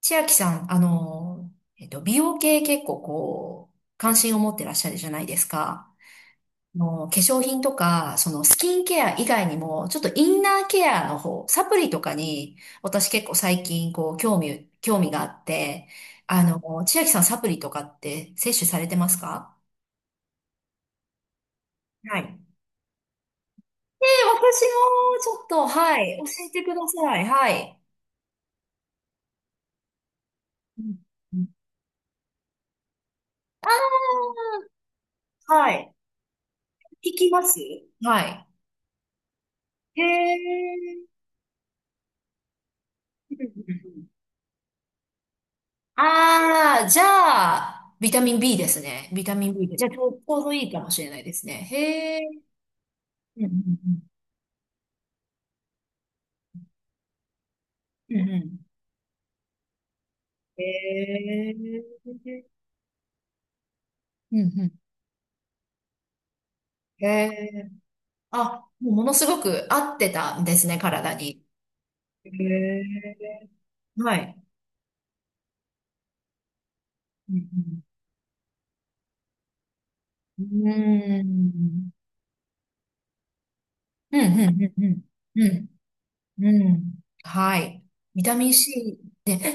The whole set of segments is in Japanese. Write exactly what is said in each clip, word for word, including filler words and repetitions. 千秋さん、あの、えっと、美容系結構こう、関心を持ってらっしゃるじゃないですか。あの、化粧品とか、そのスキンケア以外にも、ちょっとインナーケアの方、サプリとかに、私結構最近こう、興味、興味があって、あの、千秋さんサプリとかって摂取されてますか？はい。えー、私もちょっと、はい、教えてください。はい。うんうん。はい。聞きます？はい。へえ。ああ、じゃあ、ビタミン B ですね。ビタミン B で。じゃあ、ちょうちょうどいいかもしれないですね。へえ。うんうんうん。うんうん。へえ。うんうん。へえ。あ、もうものすごく合ってたんですね、体に。へえ。はい。うんうん。うーん。うんうんうんうん。うん。うん。はい。ビタミン C。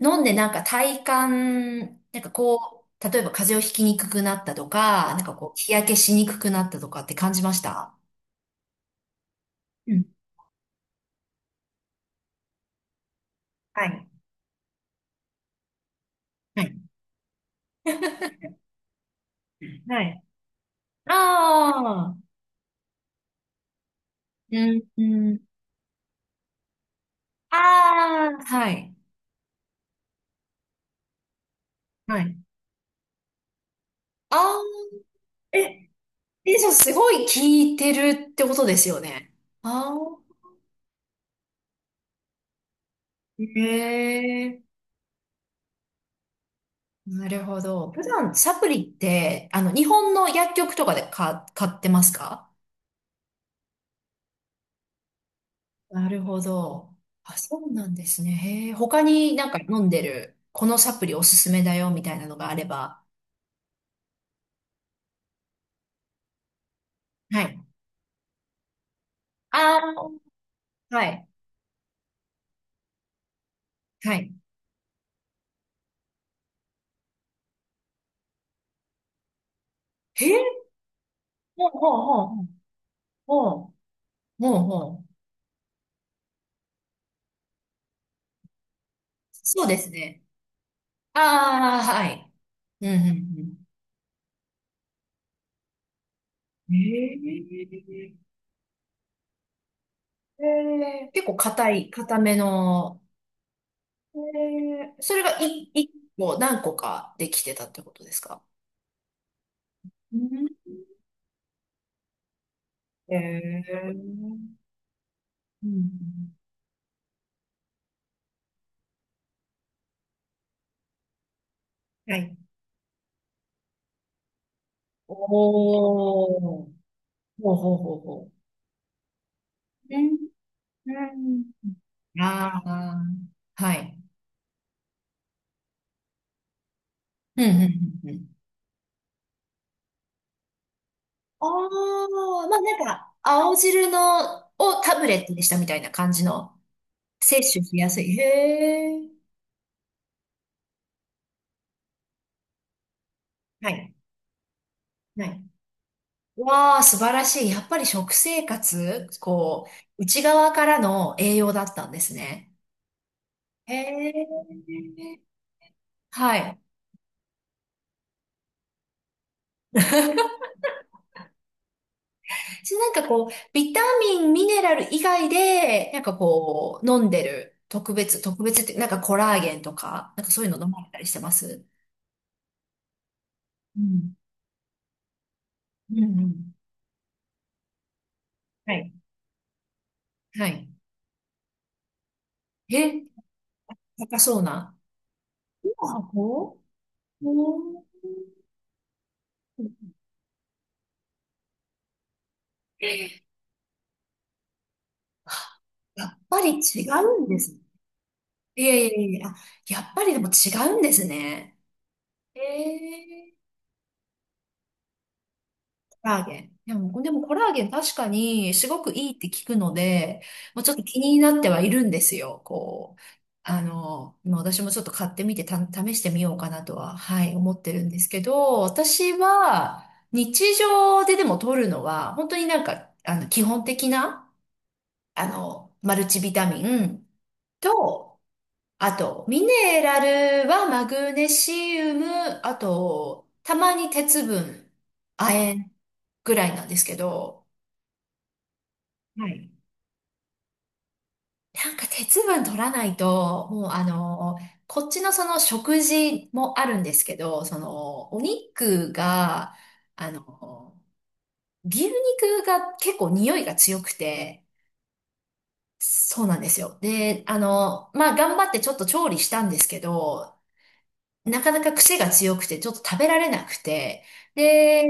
飲んでなんか体感、なんかこう、例えば風邪をひきにくくなったとか、なんかこう、日焼けしにくくなったとかって感じました？うん。はい。はい。はい。ああ、うん、うん。ああ、はい。はい。ああ、え、え、じゃあすごい聞いてるってことですよね。ああ、へえ、なるほど。普段サプリって、あの、日本の薬局とかで買、買ってますか？なるほど。あ、そうなんですね。へえ、他になんか飲んでる、このサプリおすすめだよみたいなのがあれば。はい。ああ、はい。はい。へえ、ほうほうほうほう。ほうほう。そうですね。ああ、はい。うんうんうん。へえ。へえ結構硬い、硬めの。へえ。それがい、一個何個かできてたってことですか？うん。へえ。うんうん。はい。おー、ほうほうほうほねううん。うん。ああ、はい。うん、うん、うん。うん。ああ、まあなんか、青汁の、をタブレットにしたみたいな感じの、摂取しやすい。へえ。はい。はい。わあ、素晴らしい。やっぱり食生活、こう、内側からの栄養だったんですね。へえ。はい。私なんかこう、ビタミン、ミネラル以外で、なんかこう、飲んでる特別、特別って、なんかコラーゲンとか、なんかそういうの飲まれたりしてます？うん。うんうん。はい。はい。え、高そうな。おおー。やっぱり違うんです。いやいやいや、あ、やっぱりでも違うんですね。え、コラーゲン。でも、でもコラーゲン確かにすごくいいって聞くので、もうちょっと気になってはいるんですよ。こう、あの、もう私もちょっと買ってみてた、試してみようかなとは、はい、思ってるんですけど、私は日常ででも取るのは、本当になんか、あの、基本的な、あの、マルチビタミンと、あと、ミネラルはマグネシウム、あと、たまに鉄分、亜鉛ぐらいなんですけど、はい。なんか鉄分取らないと、もうあの、こっちのその食事もあるんですけど、そのお肉が、あの、牛肉が結構匂いが強くて、そうなんですよ。で、あの、まあ、頑張ってちょっと調理したんですけど、なかなか癖が強くて、ちょっと食べられなくて、で、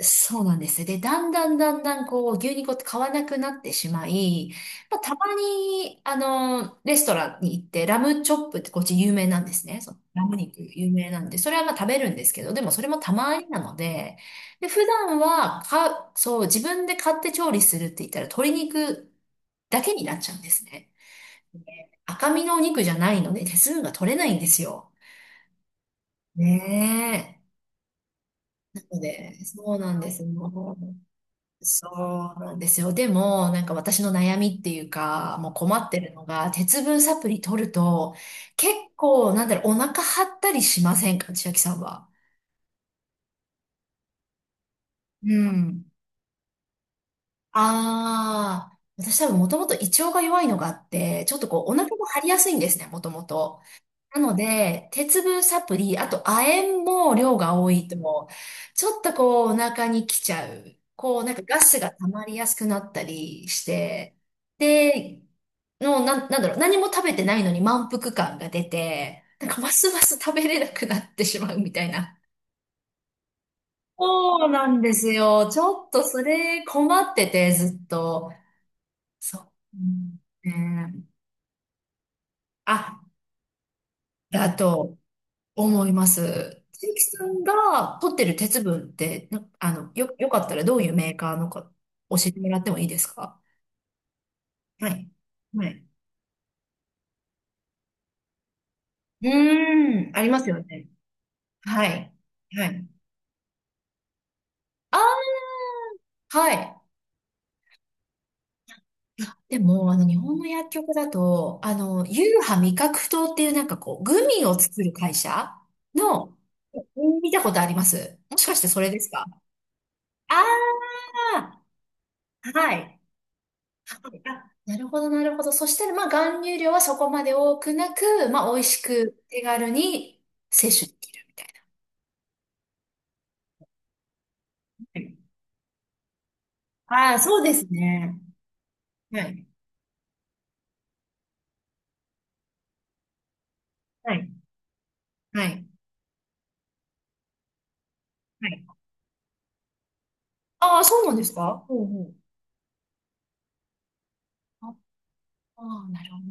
そうなんですよ。で、だんだんだんだんこう、牛肉を買わなくなってしまい、まあ、たまに、あの、レストランに行って、ラムチョップってこっち有名なんですね。そうラム肉有名なんで、それはまあ食べるんですけど、でもそれもたまになので、で、普段は、か、そう、自分で買って調理するって言ったら、鶏肉だけになっちゃうんですね。で、赤身のお肉じゃないので、手数が取れないんですよ。ねえ。そうで、そうなんですよ。もそうなんですよ。でも、なんか私の悩みっていうか、もう困ってるのが、鉄分サプリ取ると、結構、なんだろう、お腹張ったりしませんか、千秋さんは？うん。ああ、私多分もともと胃腸が弱いのがあって、ちょっとこう、お腹も張りやすいんですね、もともと。なので、鉄分サプリ、あと亜鉛も量が多いと、ちょっとこうお腹に来ちゃう。こうなんかガスが溜まりやすくなったりして、で、の、なん、なんだろう、何も食べてないのに満腹感が出て、なんかますます食べれなくなってしまうみたいな。そうなんですよ。ちょっとそれ困ってて、ずっと。そう。うん、ね。あ、あと、思います。千秋さんが取ってる鉄分って、なあの、よ、よかったらどういうメーカーのか教えてもらってもいいですか？はい。はい。うーん、ありますよね。はい。はい。あー、はい。いやでも、あの、日本の薬局だと、あの、ユーハ味覚糖っていうなんかこう、グミを作る会社の、見たことあります？もしかしてそれですか？ああー、はい。あ、なるほど、なるほど。そしたら、まあ、含有量はそこまで多くなく、まあ、美味しく手軽に摂取できるみたいな。はい。ああ、そうですね。はい。はい。はい。はい。ああ、そうなんですか？ほうほう。ああー、なるほど。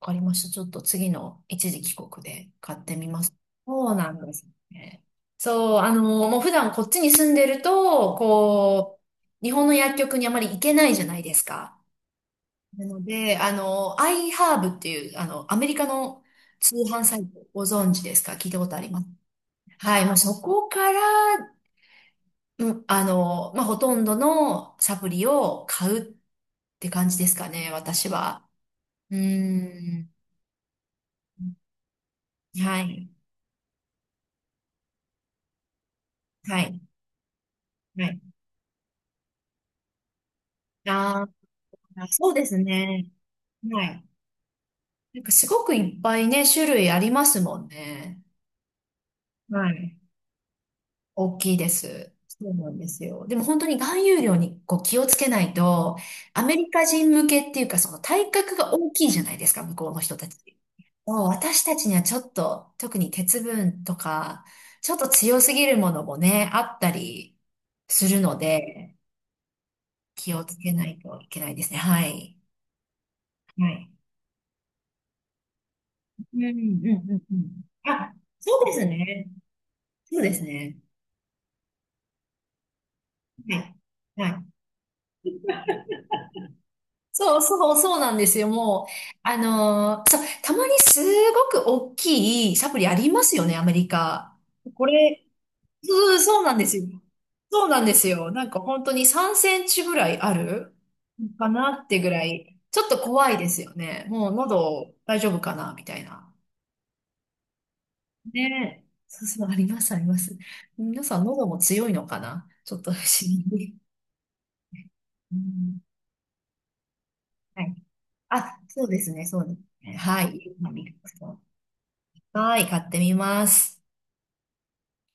わかりました。ちょっと次の一時帰国で買ってみます。そうなんですね。そう、あの、もう普段こっちに住んでると、こう、日本の薬局にあまり行けないじゃないですか。なので、あの、iHerb っていう、あの、アメリカの通販サイト、ご存知ですか？聞いたことあります？はい、もうそこから、うん、あの、まあ、ほとんどのサプリを買うって感じですかね、私は。うーん。はい、はい、はい。ああ、そうですね。はい。なんかすごくいっぱいね、種類ありますもんね。はい。大きいです。そうなんですよ。でも本当に含有量にこう気をつけないと、アメリカ人向けっていうか、その体格が大きいじゃないですか、向こうの人たち。そう私たちにはちょっと、特に鉄分とか、ちょっと強すぎるものもね、あったりするので、気をつけないといけないですね。はい。はい。うん、うん、うん、うん。あ、そうですね。そうですね。はい。はい。そうそう、そうなんですよ。もう、あのーそう、たまにすごく大きいサプリありますよね、アメリカ。これ、そう、そうなんですよ。そうなんですよ。なんか本当にさんセンチぐらいあるかなってぐらい、ちょっと怖いですよね。もう喉大丈夫かなみたいな。ねえ。そうそう、あります、あります。皆さん喉も強いのかな、ちょっと不思議。うん、はい。あ、そうですね、そうですね。はい。はい、買ってみます。